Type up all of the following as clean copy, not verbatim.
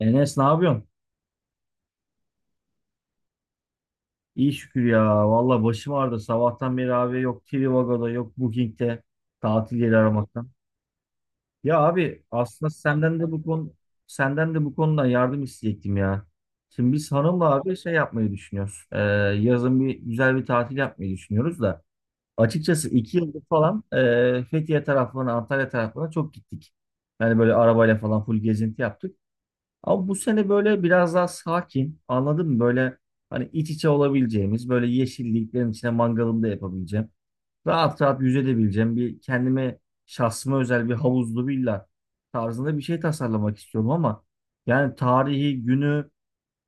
Enes ne yapıyorsun? İyi şükür ya. Valla başım ağrıdı. Sabahtan beri abi yok Trivago'da yok Booking'te tatil yeri aramaktan. Ya abi aslında senden de bu konu senden de bu konuda yardım isteyecektim ya. Şimdi biz hanımla abi şey yapmayı düşünüyoruz. Yazın bir güzel bir tatil yapmayı düşünüyoruz da. Açıkçası iki yıldır falan Fethiye taraflarına, Antalya taraflarına çok gittik. Yani böyle arabayla falan full gezinti yaptık. Ama bu sene böyle biraz daha sakin, anladın mı? Böyle hani iç içe olabileceğimiz, böyle yeşilliklerin içine mangalımda yapabileceğim. Rahat rahat yüzebileceğim bir kendime şahsıma özel bir havuzlu villa tarzında bir şey tasarlamak istiyorum ama yani tarihi, günü,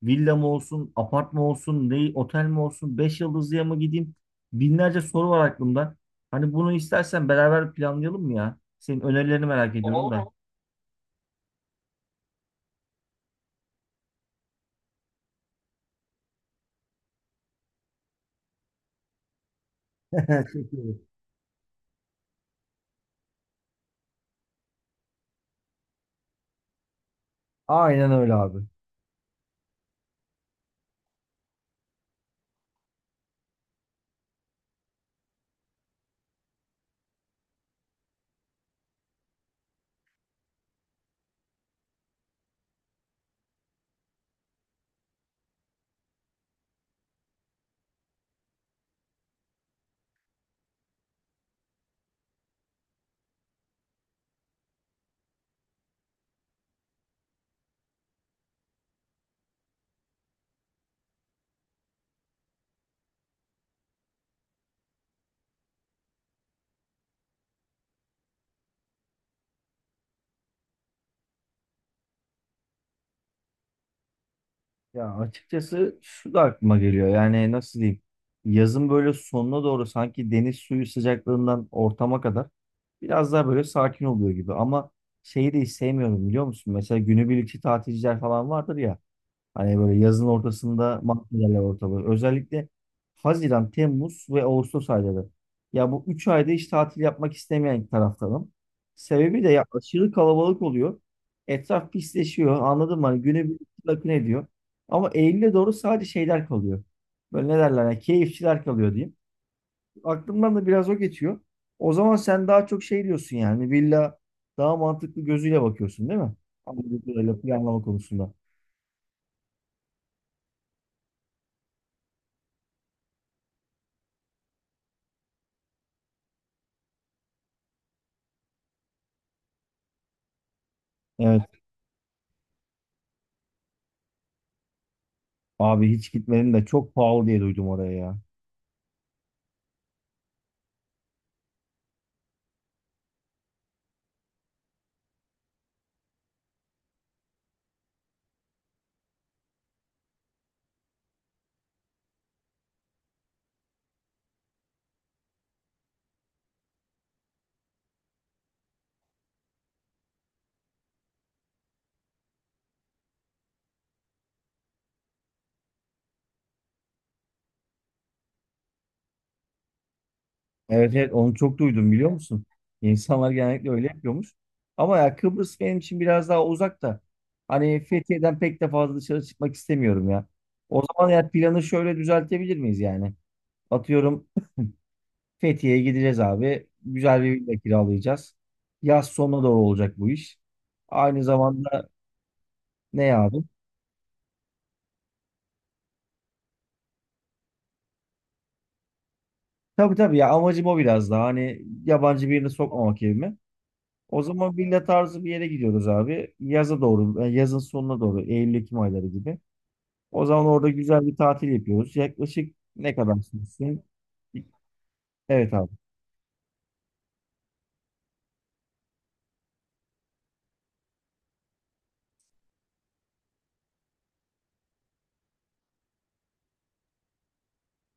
villa mı olsun, apart mı olsun, ne, otel mi olsun, beş yıldızlıya mı gideyim? Binlerce soru var aklımda. Hani bunu istersen beraber planlayalım mı ya? Senin önerilerini merak ediyorum Olur. da. Aynen öyle abi. Ya açıkçası şu da aklıma geliyor. Yani nasıl diyeyim? Yazın böyle sonuna doğru sanki deniz suyu sıcaklığından ortama kadar biraz daha böyle sakin oluyor gibi. Ama şeyi de hiç sevmiyorum biliyor musun? Mesela günübirlikçi tatilciler falan vardır ya. Hani böyle yazın ortasında mahvedenler ortalığı. Özellikle Haziran, Temmuz ve Ağustos ayları. Ya bu üç ayda hiç tatil yapmak istemeyen taraftarım. Sebebi de ya aşırı kalabalık oluyor. Etraf pisleşiyor. Anladın mı? Hani güne bir akın ediyor. Ama Eylül'e doğru sadece şeyler kalıyor. Böyle ne derler? Ya, keyifçiler kalıyor diyeyim. Aklımdan da biraz o geçiyor. O zaman sen daha çok şey diyorsun yani. Villa daha mantıklı gözüyle bakıyorsun değil mi? Anladığım kadarıyla planlama konusunda. Evet. Abi hiç gitmedim de çok pahalı diye duydum oraya ya. Evet evet onu çok duydum biliyor musun? İnsanlar genellikle öyle yapıyormuş. Ama ya Kıbrıs benim için biraz daha uzak da. Hani Fethiye'den pek de fazla dışarı çıkmak istemiyorum ya. O zaman ya planı şöyle düzeltebilir miyiz yani? Atıyorum Fethiye'ye gideceğiz abi. Güzel bir villa kiralayacağız. Yaz sonuna doğru olacak bu iş. Aynı zamanda ne abi? Tabii tabii ya amacım o biraz daha. Hani yabancı birini sokmamak evime. O zaman villa tarzı bir yere gidiyoruz abi. Yaza doğru, yazın sonuna doğru, Eylül-Ekim ayları gibi. O zaman orada güzel bir tatil yapıyoruz. Yaklaşık ne kadar sürsün? Evet abi.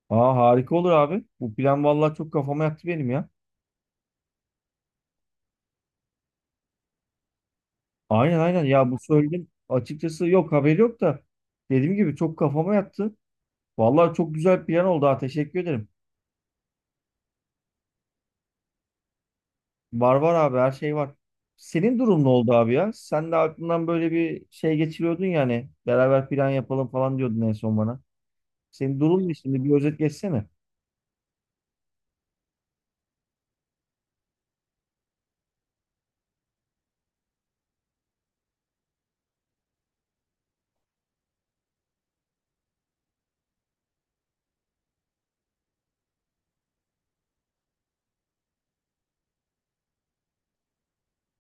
Aa harika olur abi. Bu plan vallahi çok kafama yattı benim ya. Aynen aynen ya bu söyledim. Açıkçası yok haberi yok da dediğim gibi çok kafama yattı. Vallahi çok güzel bir plan oldu ha teşekkür ederim. Var var abi her şey var. Senin durum ne oldu abi ya? Sen de aklından böyle bir şey geçiriyordun yani. Beraber plan yapalım falan diyordun en son bana. Senin durum ne şimdi? Bir özet geçsene.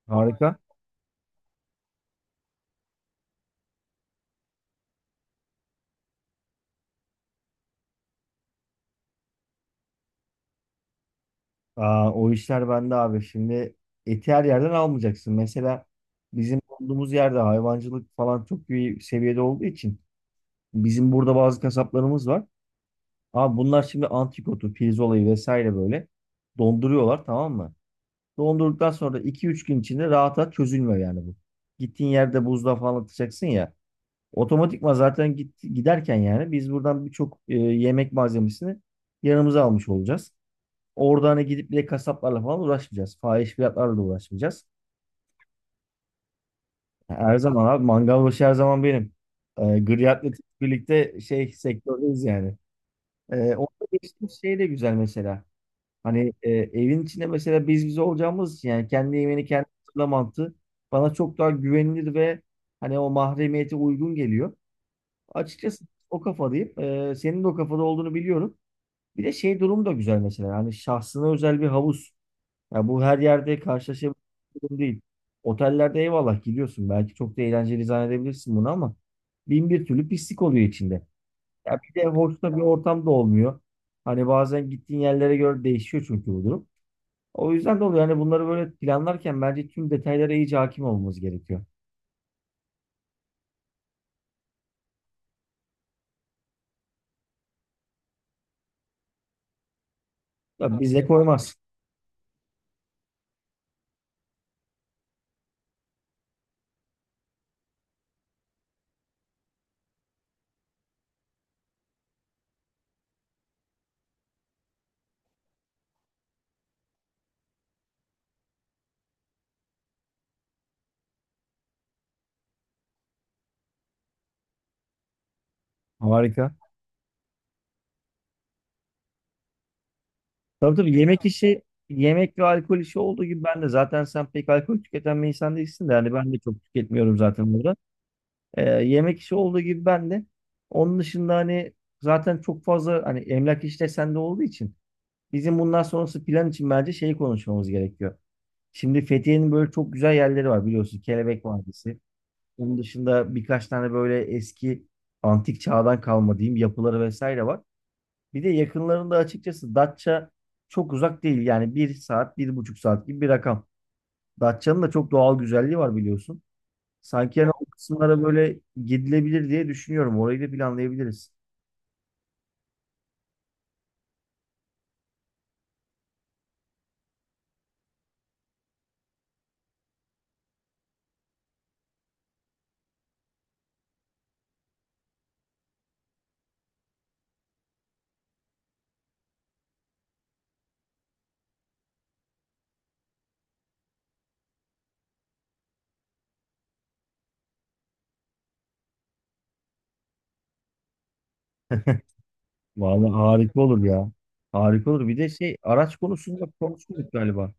Harika. Aa, o işler bende abi. Şimdi eti her yerden almayacaksın. Mesela bizim olduğumuz yerde hayvancılık falan çok iyi seviyede olduğu için bizim burada bazı kasaplarımız var. Abi bunlar şimdi antikotu, pirzolayı vesaire böyle donduruyorlar tamam mı? Dondurduktan sonra iki üç gün içinde rahat rahat çözülmüyor yani bu. Gittiğin yerde buzluğa falan atacaksın ya. Otomatikman zaten git, giderken yani biz buradan birçok yemek malzemesini yanımıza almış olacağız. Orada hani gidip bile kasaplarla falan uğraşmayacağız. Fahiş fiyatlarla da uğraşmayacağız. Her zaman abi mangal başı her zaman benim. Griyat'la birlikte şey sektördeyiz yani. Orada geçtiğimiz şey de güzel mesela. Hani evin içinde mesela biz olacağımız için yani kendi yemeğini kendi hazırla mantığı bana çok daha güvenilir ve hani o mahremiyete uygun geliyor. Açıkçası o kafadayım. Senin de o kafada olduğunu biliyorum. Bir de şey durum da güzel mesela. Hani şahsına özel bir havuz. Ya bu her yerde karşılaşabileceğin bir durum değil. Otellerde eyvallah gidiyorsun. Belki çok da eğlenceli zannedebilirsin bunu ama bin bir türlü pislik oluyor içinde. Ya bir de hoş da bir ortam da olmuyor. Hani bazen gittiğin yerlere göre değişiyor çünkü bu durum. O yüzden de oluyor. Yani bunları böyle planlarken bence tüm detaylara iyice hakim olmamız gerekiyor. Tabii bize koymaz. Harika. Tabii tabii yemek işi, yemek ve alkol işi olduğu gibi ben de zaten sen pek alkol tüketen bir insan değilsin de yani ben de çok tüketmiyorum zaten burada. Yemek işi olduğu gibi ben de. Onun dışında hani zaten çok fazla hani emlak işte sende olduğu için bizim bundan sonrası plan için bence şeyi konuşmamız gerekiyor. Şimdi Fethiye'nin böyle çok güzel yerleri var biliyorsun. Kelebek Vadisi. Onun dışında birkaç tane böyle eski antik çağdan kalma diyeyim yapıları vesaire var. Bir de yakınlarında açıkçası Datça çok uzak değil. Yani bir saat, bir buçuk saat gibi bir rakam. Datça'nın da çok doğal güzelliği var biliyorsun. Sanki yani o kısımlara böyle gidilebilir diye düşünüyorum. Orayı da planlayabiliriz. Vallahi harika olur ya. Harika olur. Bir de şey araç konusunda konuşmuştuk galiba.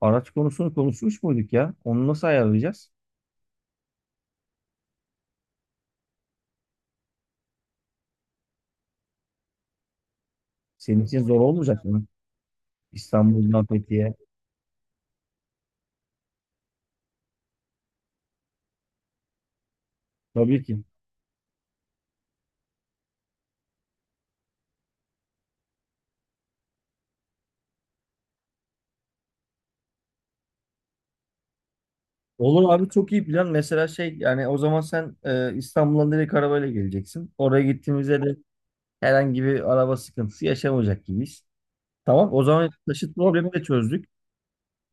Araç konusunu konuşmuş muyduk ya? Onu nasıl ayarlayacağız? Senin için zor olmayacak mı? İstanbul'dan Fethiye. Tabii ki. Olur abi çok iyi plan. Mesela şey yani o zaman sen İstanbul'dan direkt arabayla geleceksin. Oraya gittiğimizde de herhangi bir araba sıkıntısı yaşamayacak gibiyiz. Tamam o zaman taşıt problemi de çözdük.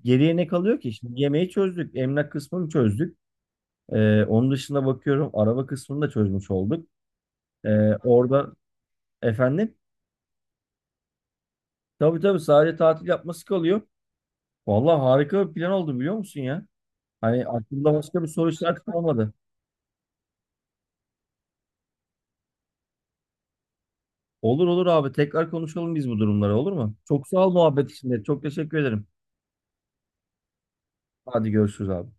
Geriye ne kalıyor ki? Şimdi yemeği çözdük. Emlak kısmını çözdük. Onun dışında bakıyorum araba kısmını da çözmüş olduk. E, orada efendim tabii tabii sadece tatil yapması kalıyor. Vallahi harika bir plan oldu biliyor musun ya? Hani aklımda başka bir soru işareti kalmadı. Olur olur abi. Tekrar konuşalım biz bu durumları olur mu? Çok sağ ol muhabbet için de. Çok teşekkür ederim. Hadi görüşürüz abi.